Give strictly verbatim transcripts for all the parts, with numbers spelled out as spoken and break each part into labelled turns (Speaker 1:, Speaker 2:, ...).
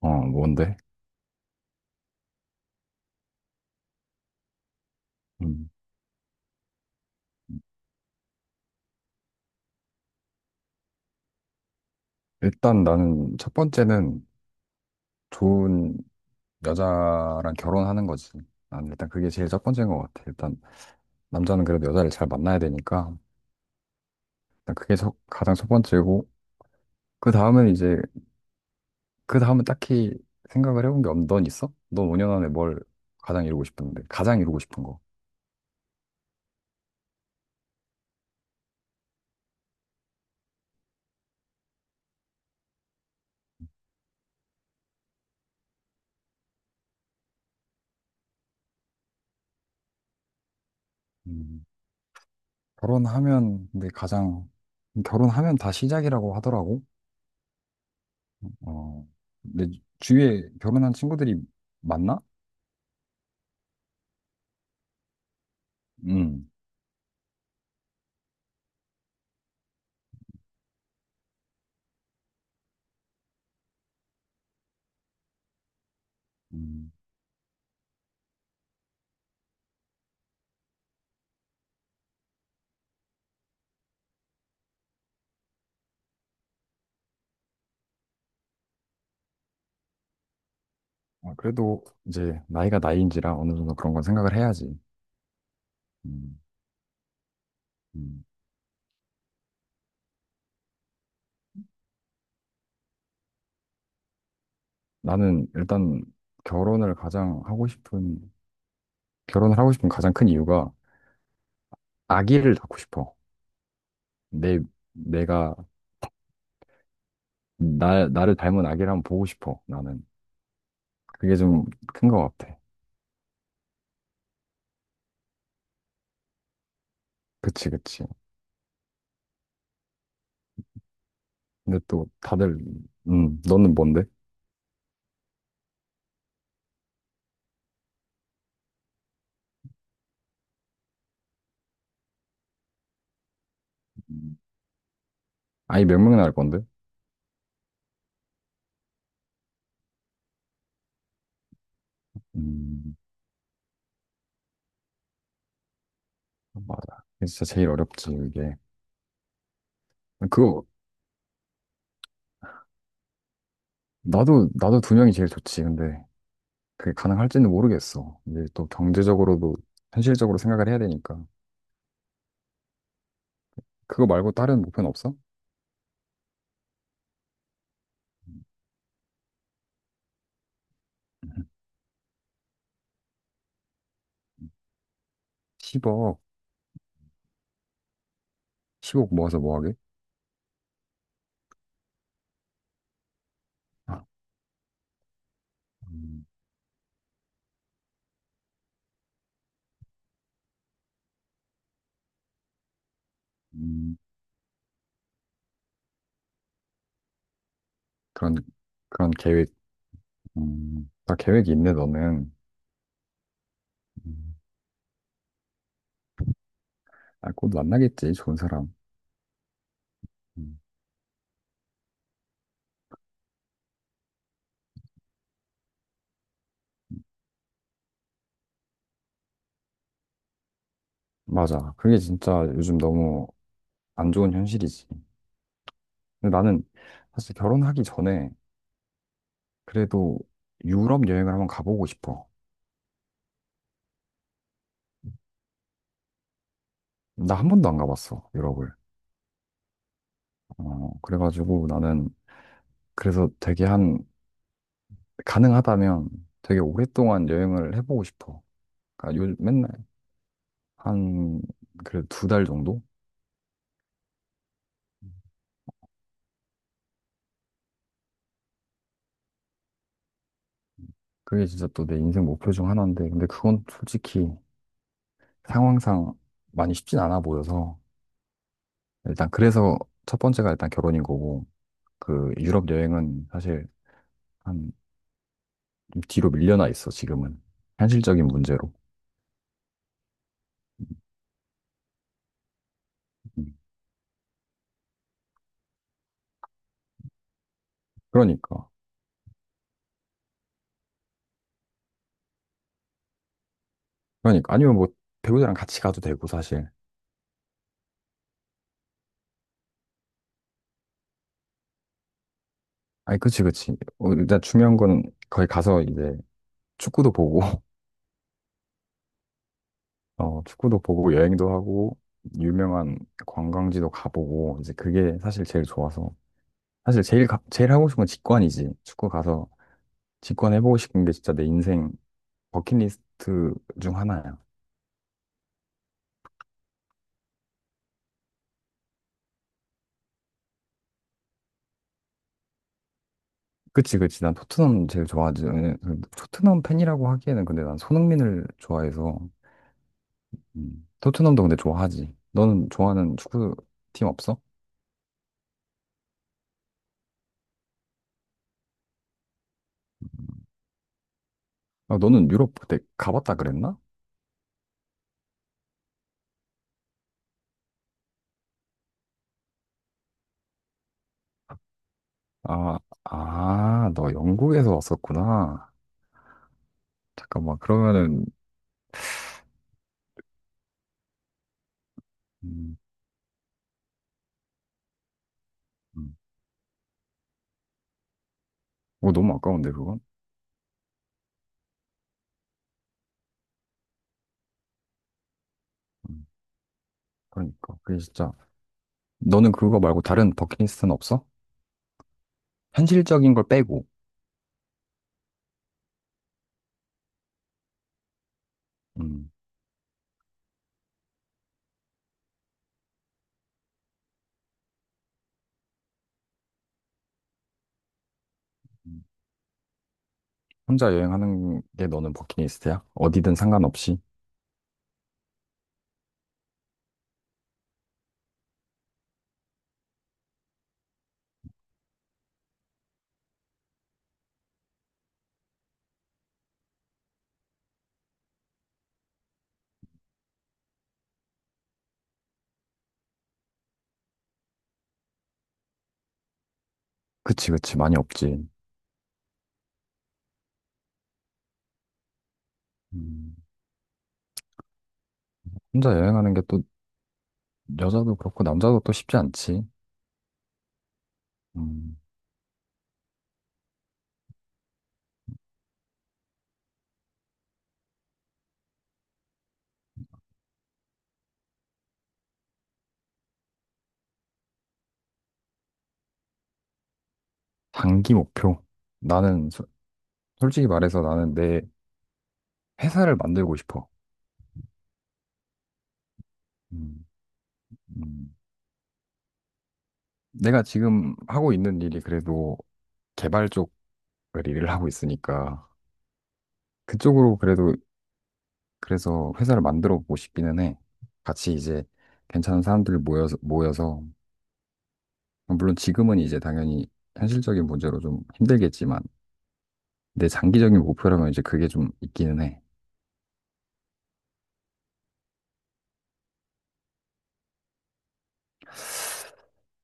Speaker 1: 어, 뭔데? 음. 일단 나는 첫 번째는 좋은 여자랑 결혼하는 거지. 난 일단 그게 제일 첫 번째인 것 같아. 일단 남자는 그래도 여자를 잘 만나야 되니까 일단 그게 첫- 가장 첫 번째고 그 다음은 이제 그 다음은 딱히 생각을 해본 게 없는 넌 있어? 넌 오 년 안에 뭘 가장 이루고 싶은데 가장 이루고 싶은 거. 음. 결혼하면 근데 가장 결혼하면 다 시작이라고 하더라고. 어, 내 주위에 결혼한 친구들이 많나? 음. 음. 아, 그래도 이제 나이가 나이인지라 어느 정도 그런 건 생각을 해야지. 음, 음. 나는 일단 결혼을 가장 하고 싶은, 결혼을 하고 싶은 가장 큰 이유가 아기를 낳고 싶어. 내, 내가, 나, 나를 닮은 아기를 한번 보고 싶어, 나는. 그게 좀 큰 것 같아. 그치, 그치. 근데 또 다들, 음, 너는 뭔데? 음, 아이 몇 명 낳을 건데? 음, 맞아. 그게 진짜 제일 어렵지, 이게. 그거, 나도, 나도 두 명이 제일 좋지, 근데. 그게 가능할지는 모르겠어. 이제 또 경제적으로도 현실적으로 생각을 해야 되니까. 그거 말고 다른 목표는 없어? 십억, 십억 모아서 뭐 하게? 아, 음, 음, 그런, 그런 계획, 음, 다 계획이 있네, 너는. 음, 아, 곧 만나겠지, 좋은 사람. 음, 맞아. 그게 진짜 요즘 너무 안 좋은 현실이지. 근데 나는 사실 결혼하기 전에 그래도 유럽 여행을 한번 가보고 싶어. 나 한 번도 안 가봤어, 유럽을. 어, 그래가지고 나는 그래서 되게 한, 가능하다면 되게 오랫동안 여행을 해보고 싶어. 그러니까 요, 맨날 한, 그래도 두 달 정도? 그게 진짜 또 내 인생 목표 중 하나인데, 근데 그건 솔직히 상황상 많이 쉽진 않아 보여서, 일단 그래서 첫 번째가 일단 결혼인 거고, 그 유럽 여행은 사실 한좀 뒤로 밀려나 있어, 지금은. 현실적인 문제로. 음. 그러니까. 그러니까. 아니면 뭐 배우자랑 같이 가도 되고, 사실. 아니, 그치, 그치. 어, 일단 중요한 건 거기 가서 이제 축구도 보고, 어, 축구도 보고 여행도 하고, 유명한 관광지도 가보고, 이제 그게 사실 제일 좋아서. 사실 제일, 가- 제일 하고 싶은 건 직관이지. 축구 가서 직관해보고 싶은 게 진짜 내 인생 버킷리스트 중 하나야. 그치, 그치. 난 토트넘 제일 좋아하지. 왜냐면 토트넘 팬이라고 하기에는 근데 난 손흥민을 좋아해서, 음, 토트넘도 근데 좋아하지. 너는 좋아하는 축구팀 없어? 아, 너는 유럽 그때 가봤다 그랬나? 아, 아, 너 영국에서 왔었구나. 잠깐만, 그러면은, 음, 음. 어, 너무 아까운데, 그건? 음, 그러니까. 그게 진짜, 너는 그거 말고 다른 버킷리스트는 없어? 현실적인 걸 빼고, 음, 음. 혼자 여행하는 게 너는 버킷리스트야? 어디든 상관없이? 그치, 그치, 많이 없지. 음, 혼자 여행하는 게 또, 여자도 그렇고, 남자도 또 쉽지 않지. 음, 장기 목표. 나는, 소- 솔직히 말해서 나는 내 회사를 만들고 싶어. 음, 음. 내가 지금 하고 있는 일이 그래도 개발 쪽을 일을 하고 있으니까 그쪽으로 그래도 그래서 회사를 만들어 보고 싶기는 해. 같이 이제 괜찮은 사람들 모여서 모여서 물론 지금은 이제 당연히 현실적인 문제로 좀 힘들겠지만 내 장기적인 목표라면 이제 그게 좀 있기는 해.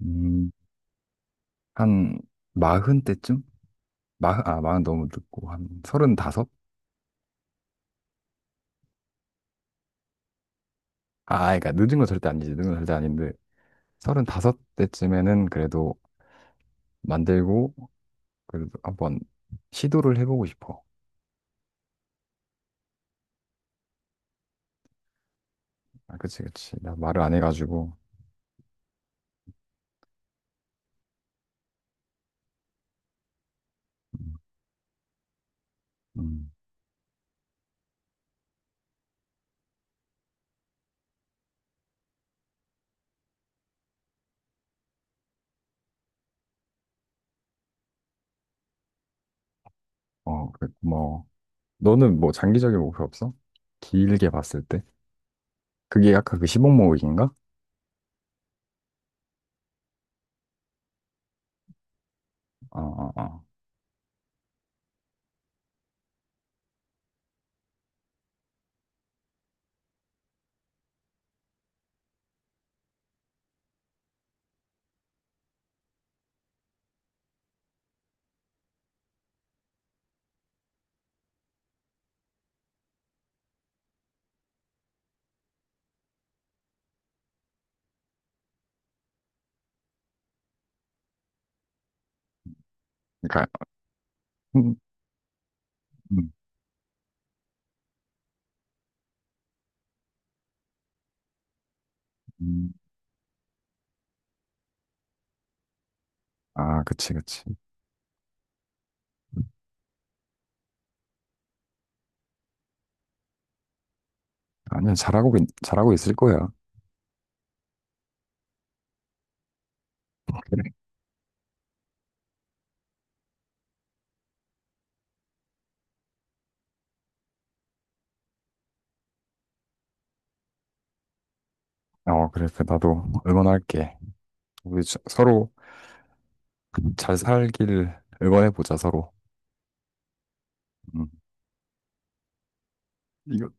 Speaker 1: 음, 한 마흔 때쯤? 마흔, 아, 마흔 너무 늦고 한 서른다섯? 아, 그러니까 늦은 건 절대 아니지. 늦은 건 절대 아닌데 서른다섯 때쯤에는 그래도 만들고 그래도 한번 시도를 해보고 싶어. 아, 그치, 그치. 나 말을 안 해가지고. 음, 음. 어, 그래, 고마워. 너는 뭐 장기적인 목표 없어? 길게 봤을 때? 그게 약간 그시십억 모으기인가? 어, 어, 어. 그러니까, 음, 음, 음. 아, 그치, 그치. 아니야, 잘하고, 있- 잘하고 있을 거야. 그래. 어, 그래. 그래, 나도 응원할게. 우리 자- 서로 잘 살길 응원해보자, 서로. 음.